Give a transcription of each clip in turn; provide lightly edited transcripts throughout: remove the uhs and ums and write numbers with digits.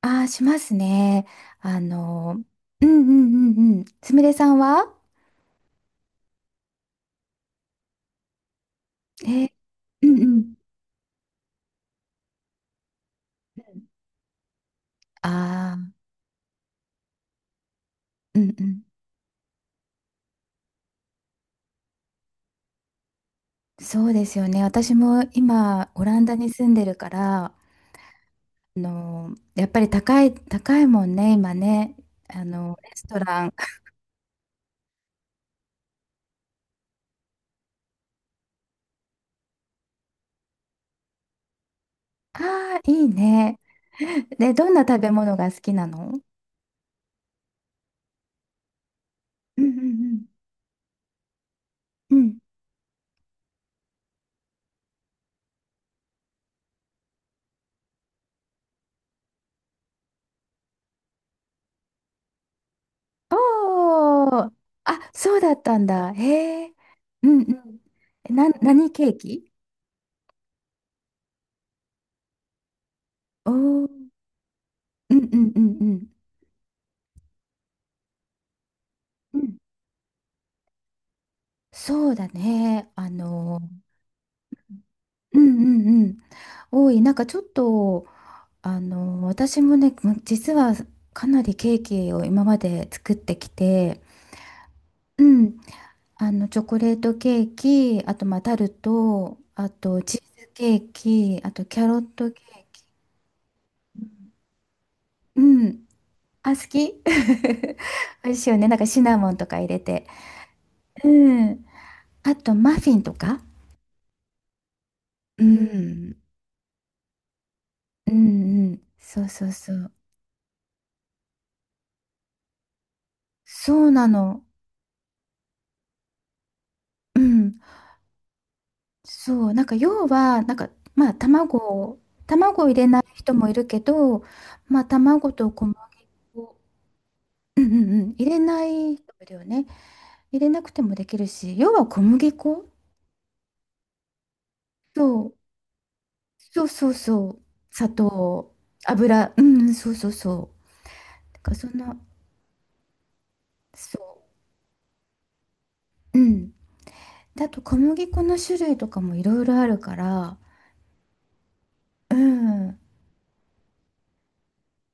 ああ、しますね。あの、うんうんうんうん。すみれさんは？え、うんうん。ああ、うんうん。そうですよね。私も今、オランダに住んでるから、やっぱり高い、高いもんね、今ね。レストラン。ああ、いいね。で、どんな食べ物が好きなの？うんうんうん。うん。おー、あ、そうだったんだ。へえ。うんうん。何ケーキ？おお、うんうんうんうん。うん。そうだね。うんうんうん。多い。なんかちょっと、私もね、実はかなりケーキを今まで作ってきて、うん。チョコレートケーキ、あと、まあ、タルト、あと、チーズケーキ、あと、キャロットケーキ。うん。あ、好き。 美味しいよね。なんかシナモンとか入れて。うん。あと、マフィンとか。うん。うんうん、そうそうそう。そうなの。うん。そう。なんか要は、なんか、まあ卵を入れない人もいるけど、まあ卵と小麦粉、うんうんうん、入れない人もいるよね。入れなくてもできるし、要は小麦粉、そう、そうそうそう、砂糖、油、うん、そうそうそう。だからそんな、そう。うん。だと小麦粉の種類とかもいろいろあるから、うん。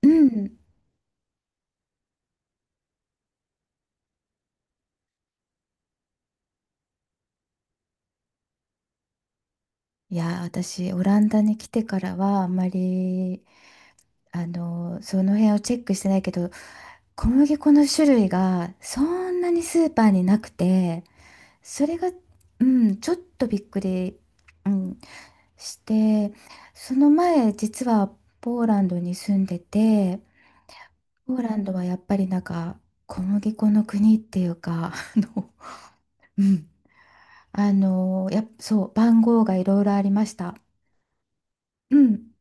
うん。いやー、私、オランダに来てからは、あんまり、その辺をチェックしてないけど、小麦粉の種類がそんなにスーパーになくて、それが、うん、ちょっとびっくり、うん、して、その前、実はポーランドに住んでて、ポーランドはやっぱりなんか、小麦粉の国っていうか、うん、そう、番号がいろいろありました。うん、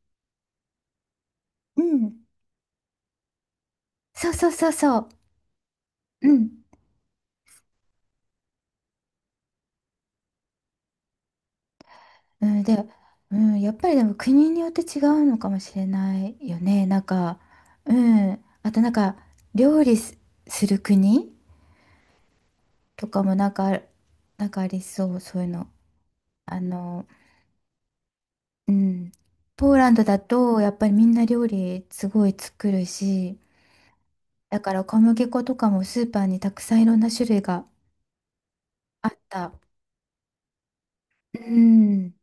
うん。そうそうそうそう。うん、うんで、うん、やっぱりでも国によって違うのかもしれないよね。なんか、うん、あとなんか料理す、する国とかもなんか、なんかありそう、そういうの。あの、うん、ポーランドだとやっぱりみんな料理すごい作るし、だから小麦粉とかもスーパーにたくさんいろんな種類があった。うん、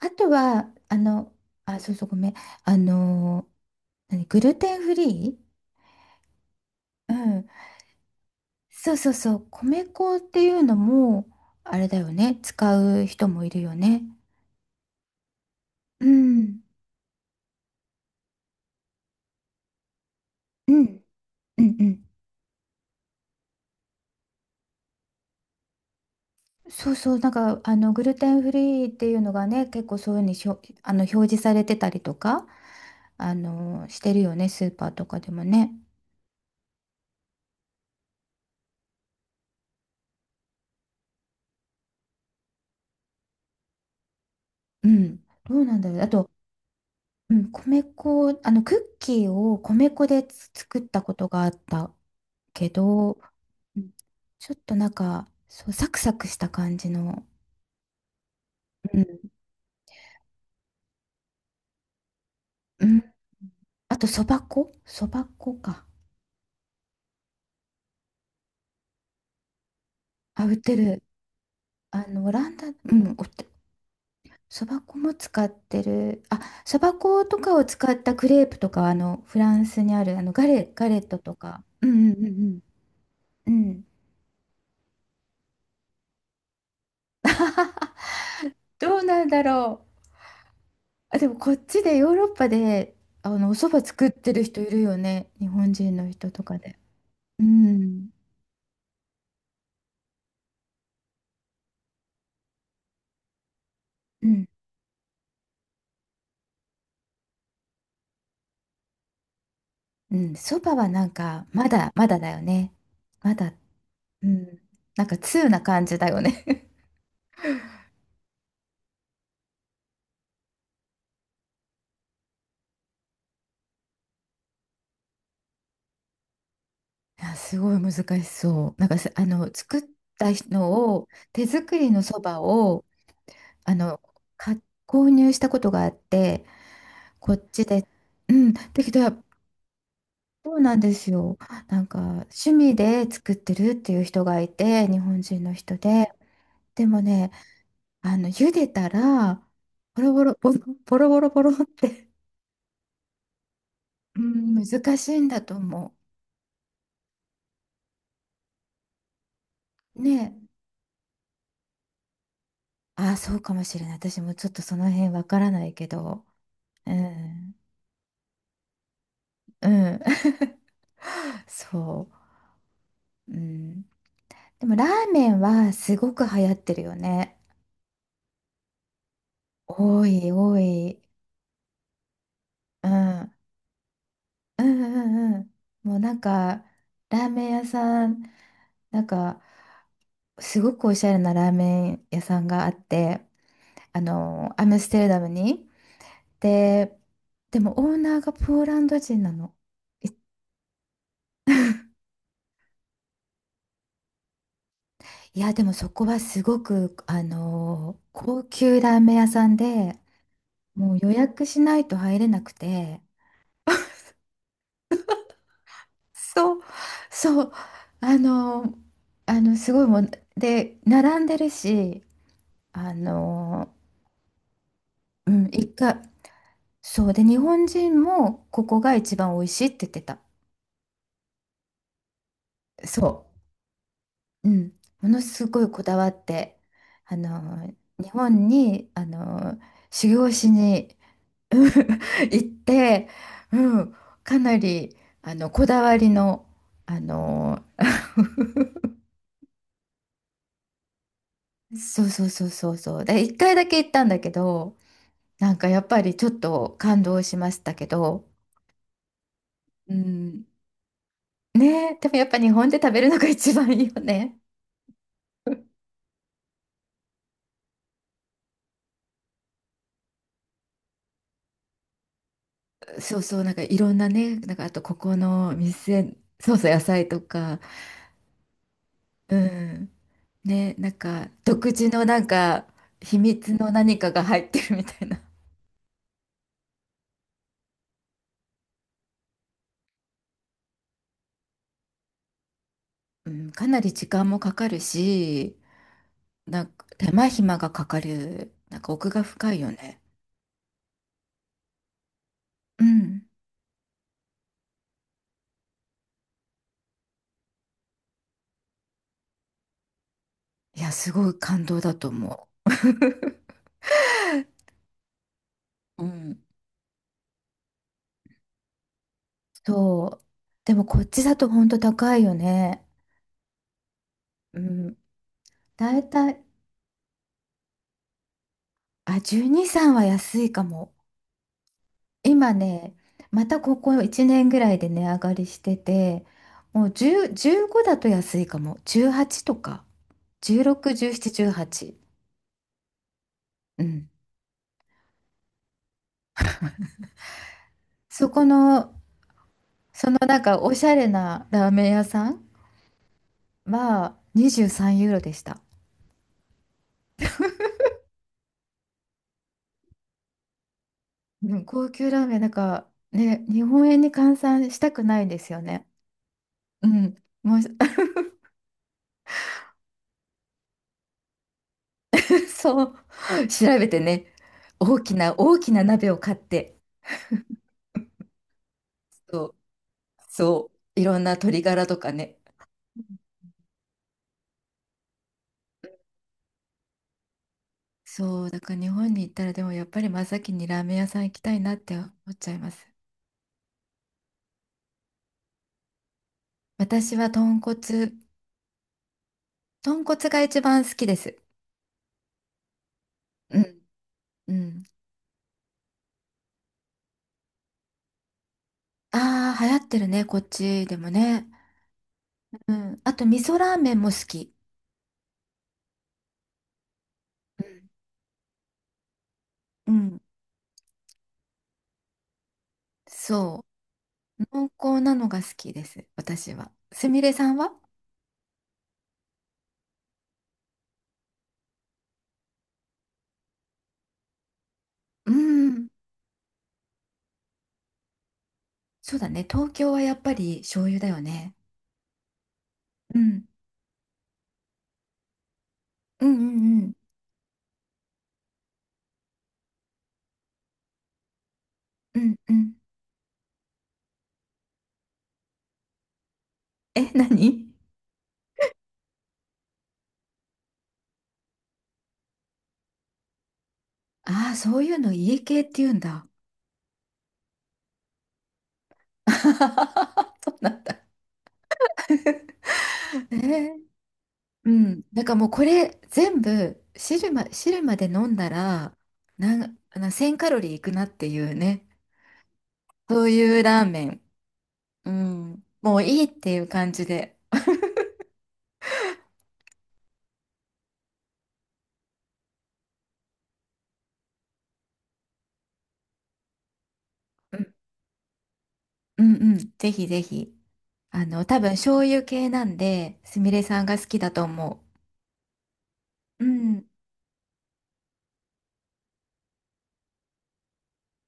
あとは、あ、そうそう、ごめん、あの、何？グルテンフリー？うん、そうそうそう、米粉っていうのも、あれだよね、使う人もいるよね。うん、うん、うん、うん。そうそう、なんか、グルテンフリーっていうのがね、結構そういうふうに表示されてたりとか、してるよね、スーパーとかでもね。うん、どうなんだろう。あと、うん、米粉、クッキーを米粉で作ったことがあったけど、うん、ちょっとなんか、そう、サクサクした感じの。うん。あと、そば粉か。あ、売ってる。オランダ、うん、売って、そば粉も使ってる。あ、そば粉とかを使ったクレープとかは、フランスにある、ガレットとか。うんうんうんうん。うん。どうなんだろう。あ、でも、こっちでヨーロッパで、お蕎麦作ってる人いるよね。日本人の人とかで。うん。うん。うん。そばはなんか、まだ、まだだよね。まだ、うん。なんか、通な感じだよね。あ、すごい難しそう。なんかす、作ったのを、手作りのそばを、あの、か、購入したことがあって、こう、うん、だけど、そうなんですよ。なんか、趣味で作ってるっていう人がいて、日本人の人で。でもね、茹でたら、ボロボロ、ボロボロボロボロって、うん、難しいんだと思う。ねえ。ああ、そうかもしれない。私もちょっとその辺わからないけど。うん。うん。そう。うん。でもラーメンはすごく流行ってるよね。多い多い。うん。うんうんうん。もうなんか、ラーメン屋さん、なんか、すごくおしゃれなラーメン屋さんがあって、アムステルダムに。で、でもオーナーがポーランド人なの。いいや、でもそこはすごく、高級ラーメン屋さんで、もう予約しないと入れなくて、そう、そう、あの、すごいもんで、並んでるし、あの、うん、一回、そうで、日本人もここが一番美味しいって言ってた。そう、うん、ものすごいこだわって、あの、日本に、修行しに、うん、 行って、うん、かなり、こだわりの、あの、そうそうそうそうそう、で、一回だけ行ったんだけど、なんかやっぱりちょっと感動しましたけど、うん、ねえ、でもやっぱ日本で食べるのが一番いいよね。そうそう、なんかいろんなね、なんかあとここの店、そうそう、野菜とか、うん、ね、なんか独自のなんか秘密の何かが入ってるみたいな。うん、かなり時間もかかるし、なんか手間暇がかかる、なんか奥が深いよね。うん。いや、すごい感動だと思う。うん。そう。でもこっちだとほんと高いよね。うん。だいたい、あ、12、3は安いかも。今ね、またここ1年ぐらいで値上がりしてて、もう10、15だと安いかも。18とか。16、17、18。うん。そこの、そのなんかおしゃれなラーメン屋さんは23ユーロでした。うん、高級ラーメン、なんかね、日本円に換算したくないんですよね。うん。もう そう、調べてね、大きな大きな鍋を買って、そう、そう、いろんな鶏ガラとかね。そう、だから日本に行ったらでもやっぱり真っ先にラーメン屋さん行きたいなって思っちゃいます。私は豚骨、豚骨が一番好きです。うん、うん。ああ、流行ってるね、こっちでもね。うん。あと、味噌ラーメンも好き。うん、うん。そう、濃厚なのが好きです、私は。すみれさんは？うん。そうだね。東京はやっぱり醤油だよね。うん。うんうんうん。うんうん。え、何？ああー、そういうの家系って言うんだ。そうなんだ。えー、うん。だからもうこれ全部汁まで飲んだら、なん、あの1000カロリーいくなっていうね。そういうラーメン。うん。もういいっていう感じで。うんうんうん。ぜひぜひ。多分醤油系なんで、すみれさんが好きだと思う。うん。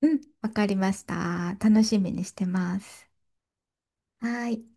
うん。わかりました。楽しみにしてます。はーい。